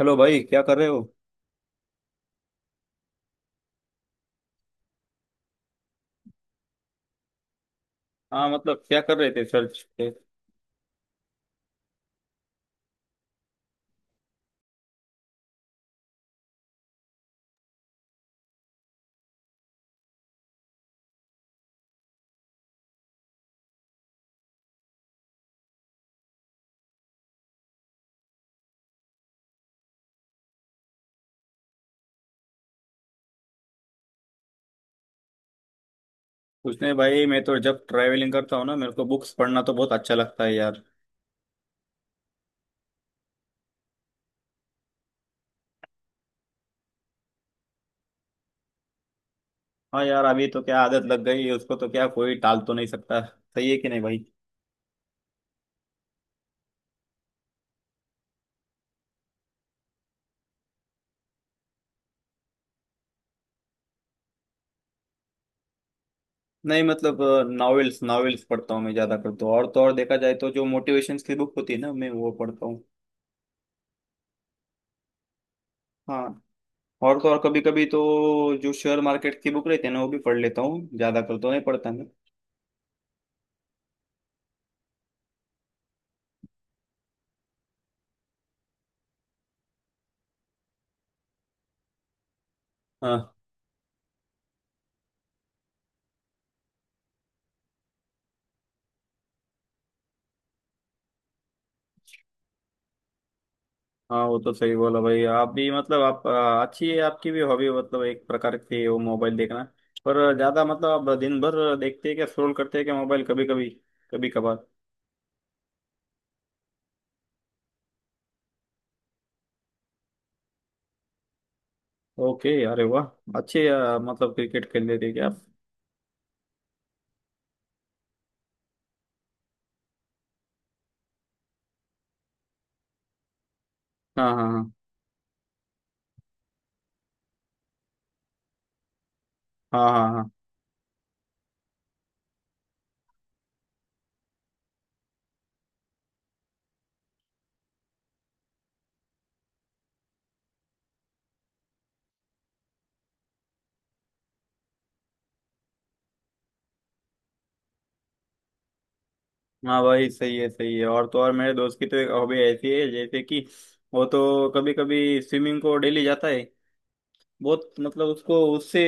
Hello भाई, क्या कर रहे हो। हाँ, क्या कर रहे थे सर्च पे। कुछ नहीं भाई, मैं तो जब ट्रैवलिंग करता हूँ ना मेरे को बुक्स पढ़ना तो बहुत अच्छा लगता है यार। हाँ यार, अभी तो क्या आदत लग गई है उसको, तो क्या कोई टाल तो नहीं सकता, सही है कि नहीं भाई। नहीं मतलब नॉवेल्स नॉवेल्स पढ़ता हूँ, मैं ज़्यादा करता हूँ। और तो और देखा जाए तो जो मोटिवेशन की बुक होती है ना मैं वो पढ़ता हूँ। हाँ। और तो और कभी कभी तो जो शेयर मार्केट की बुक रहती है ना वो भी पढ़ लेता हूँ, ज़्यादा कर तो नहीं पढ़ता मैं। हाँ, वो तो सही बोला भाई आप भी। अच्छी है आपकी भी हॉबी, मतलब एक प्रकार की है वो, मोबाइल देखना। पर ज्यादा मतलब आप दिन भर देखते हैं क्या, स्क्रॉल करते हैं क्या मोबाइल, कभी कभी, कभी कभार। ओके, अरे वाह। मतलब क्रिकेट खेल लेते हैं क्या आप। हाँ हाँ हाँ। हाँ हाँ हाँ। हाँ भाई सही है, सही है। और तो और मेरे दोस्त की तो एक हॉबी ऐसी है, जैसे कि वो तो कभी कभी स्विमिंग को डेली जाता है। बहुत उसको उससे।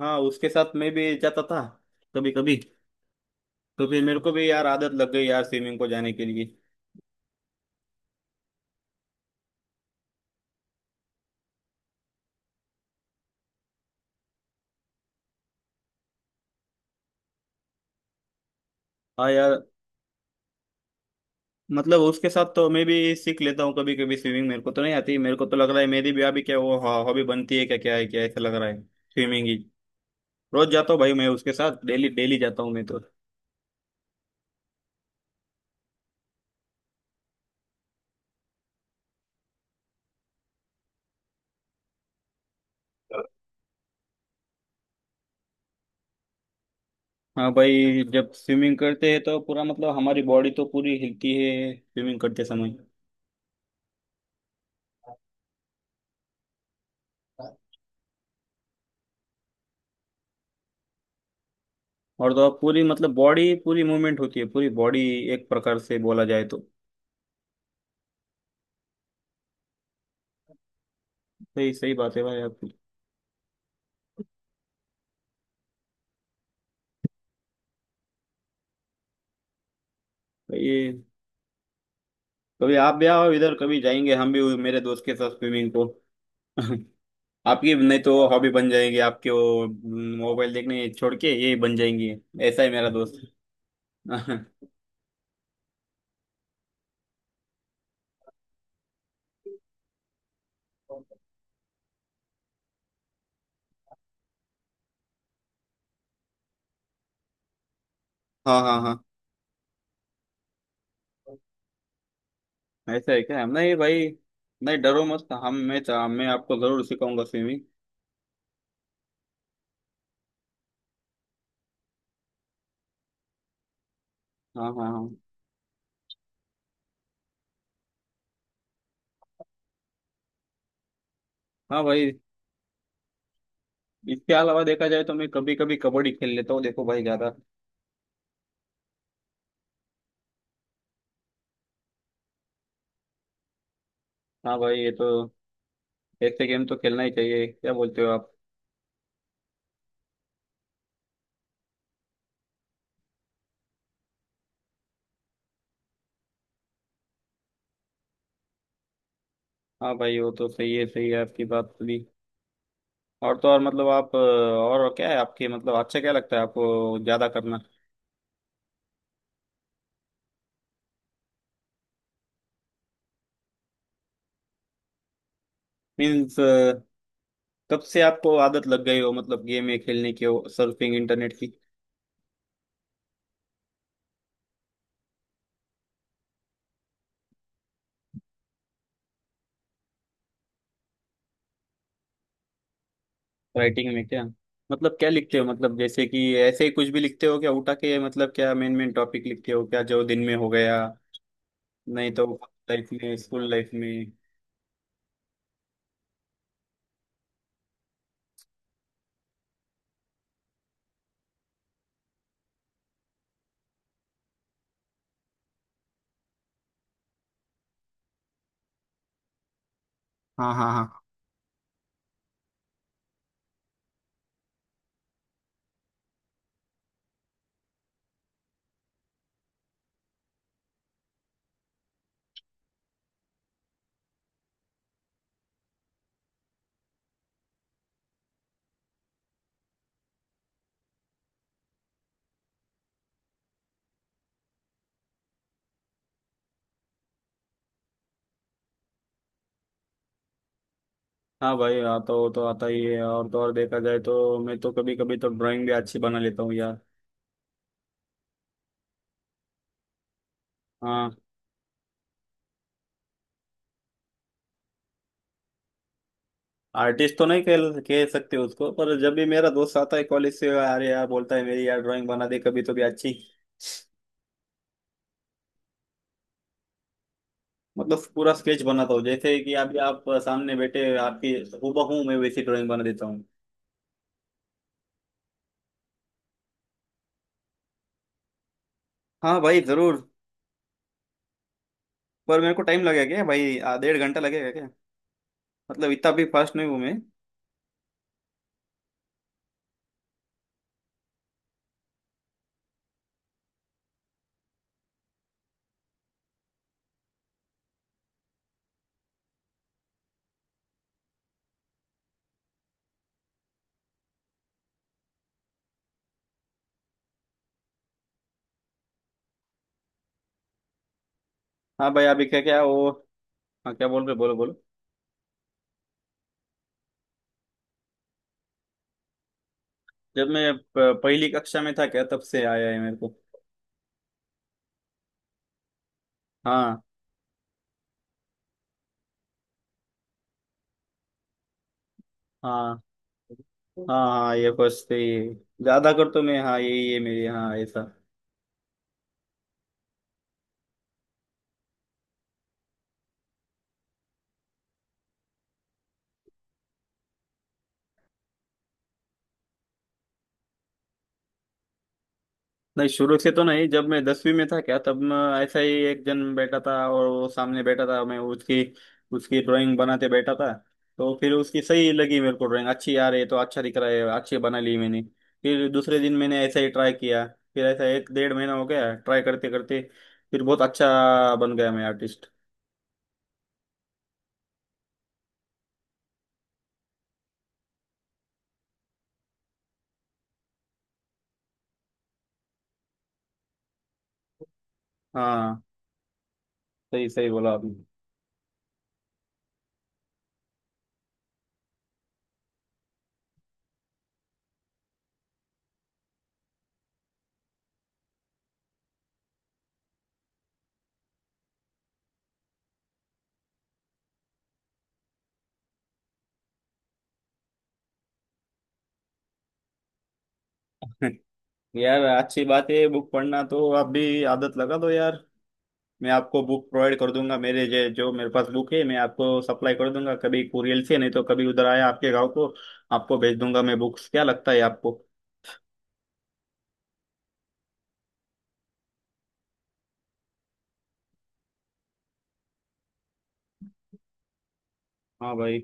हाँ, उसके साथ मैं भी जाता था कभी कभी। तो फिर मेरे को भी यार आदत लग गई यार स्विमिंग को जाने के लिए। हाँ यार। उसके साथ तो मैं भी सीख लेता हूँ कभी कभी स्विमिंग, मेरे को तो नहीं आती। मेरे को तो लग रहा है मेरी भी अभी क्या वो हॉबी बनती है क्या, क्या है क्या, ऐसा लग रहा है स्विमिंग ही। रोज जाता हूँ भाई मैं उसके साथ, डेली डेली जाता हूँ मैं तो। हाँ भाई, जब स्विमिंग करते हैं तो पूरा मतलब हमारी बॉडी तो पूरी हिलती है स्विमिंग करते समय। और तो आप पूरी मतलब बॉडी पूरी मूवमेंट होती है पूरी बॉडी, एक प्रकार से बोला जाए तो। सही सही बात है भाई आपकी। भाई कभी आप भी आओ इधर, कभी जाएंगे हम भी मेरे दोस्त के साथ स्विमिंग को। आपकी नहीं तो हॉबी बन जाएगी आपके वो, मोबाइल देखने छोड़ के ये बन जाएंगी। ऐसा है मेरा दोस्त। हाँ। हाँ हाँ, ऐसा है क्या? नहीं भाई, नहीं डरो मत। हम मैं आपको जरूर सिखाऊंगा स्विमिंग। हाँ हाँ हाँ। हाँ भाई, इसके अलावा देखा जाए तो मैं कभी कभी कबड्डी खेल लेता हूँ, देखो भाई ज्यादा। हाँ भाई ये तो, ऐसे गेम तो खेलना ही चाहिए, क्या बोलते हो आप। हाँ भाई, वो तो सही है, सही है आपकी बात भी। और तो और और क्या है आपके, मतलब अच्छा क्या लगता है आपको ज्यादा करना। मीन्स, कब से आपको आदत लग गई हो मतलब गेम में खेलने की, सर्फिंग इंटरनेट की। राइटिंग में क्या, मतलब क्या लिखते हो, मतलब जैसे कि ऐसे ही कुछ भी लिखते हो क्या उठा के, मतलब क्या मेन मेन टॉपिक लिखते हो क्या जो दिन में हो गया, नहीं तो लाइफ में, स्कूल लाइफ में। हाँ हाँ हाँ। हाँ भाई, आता हो तो आता ही है। और तो और देखा जाए तो मैं तो कभी कभी तो ड्राइंग भी अच्छी बना लेता हूँ यार। हाँ। आर्टिस्ट तो नहीं कह कह सकते उसको, पर जब भी मेरा दोस्त आता है कॉलेज से, अरे यार बोलता है मेरी, यार ड्राइंग बना दे कभी तो भी अच्छी। मतलब पूरा स्केच बनाता हूँ, जैसे कि अभी आप सामने बैठे आपकी हूबहू मैं वैसी ड्राइंग बना देता हूँ। हाँ भाई, जरूर। पर मेरे को टाइम लगेगा क्या भाई, 1.5 घंटा लगेगा क्या। मतलब इतना भी फास्ट नहीं हूँ मैं। हाँ भाई अभी क्या क्या वो। हाँ क्या बोल रहे, बोलो बोलो। जब मैं 1ली कक्षा में था क्या, तब से आया है मेरे को। हाँ। हाँ हाँ, हाँ ये फर्स्ट से ही। ज्यादा कर तो मैं हाँ यही है मेरी, हाँ ऐसा। नहीं, शुरू से तो नहीं। जब मैं 10वीं में था क्या तब मैं, ऐसा ही एक जन बैठा था और वो सामने बैठा था, मैं उसकी उसकी ड्राइंग बनाते बैठा था। तो फिर उसकी सही लगी मेरे को, ड्राइंग अच्छी आ रही है, तो अच्छा दिख रहा है, अच्छी बना ली मैंने। फिर दूसरे दिन मैंने ऐसा ही ट्राई किया। फिर ऐसा 1 डेढ़ महीना हो गया ट्राई करते करते, फिर बहुत अच्छा बन गया मैं आर्टिस्ट। हाँ, सही सही बोला आपने। यार अच्छी बात है, बुक पढ़ना तो आप भी आदत लगा दो यार। मैं आपको बुक प्रोवाइड कर दूंगा, जो मेरे पास बुक है मैं आपको सप्लाई कर दूंगा, कभी कुरियर से, नहीं तो कभी उधर आया आपके गांव को आपको भेज दूंगा मैं बुक्स। क्या लगता है आपको। हाँ भाई,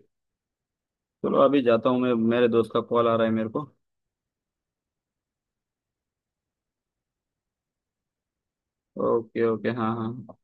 चलो अभी जाता हूँ मैं, मेरे दोस्त का कॉल आ रहा है मेरे को। ओके ओके, हाँ हाँ।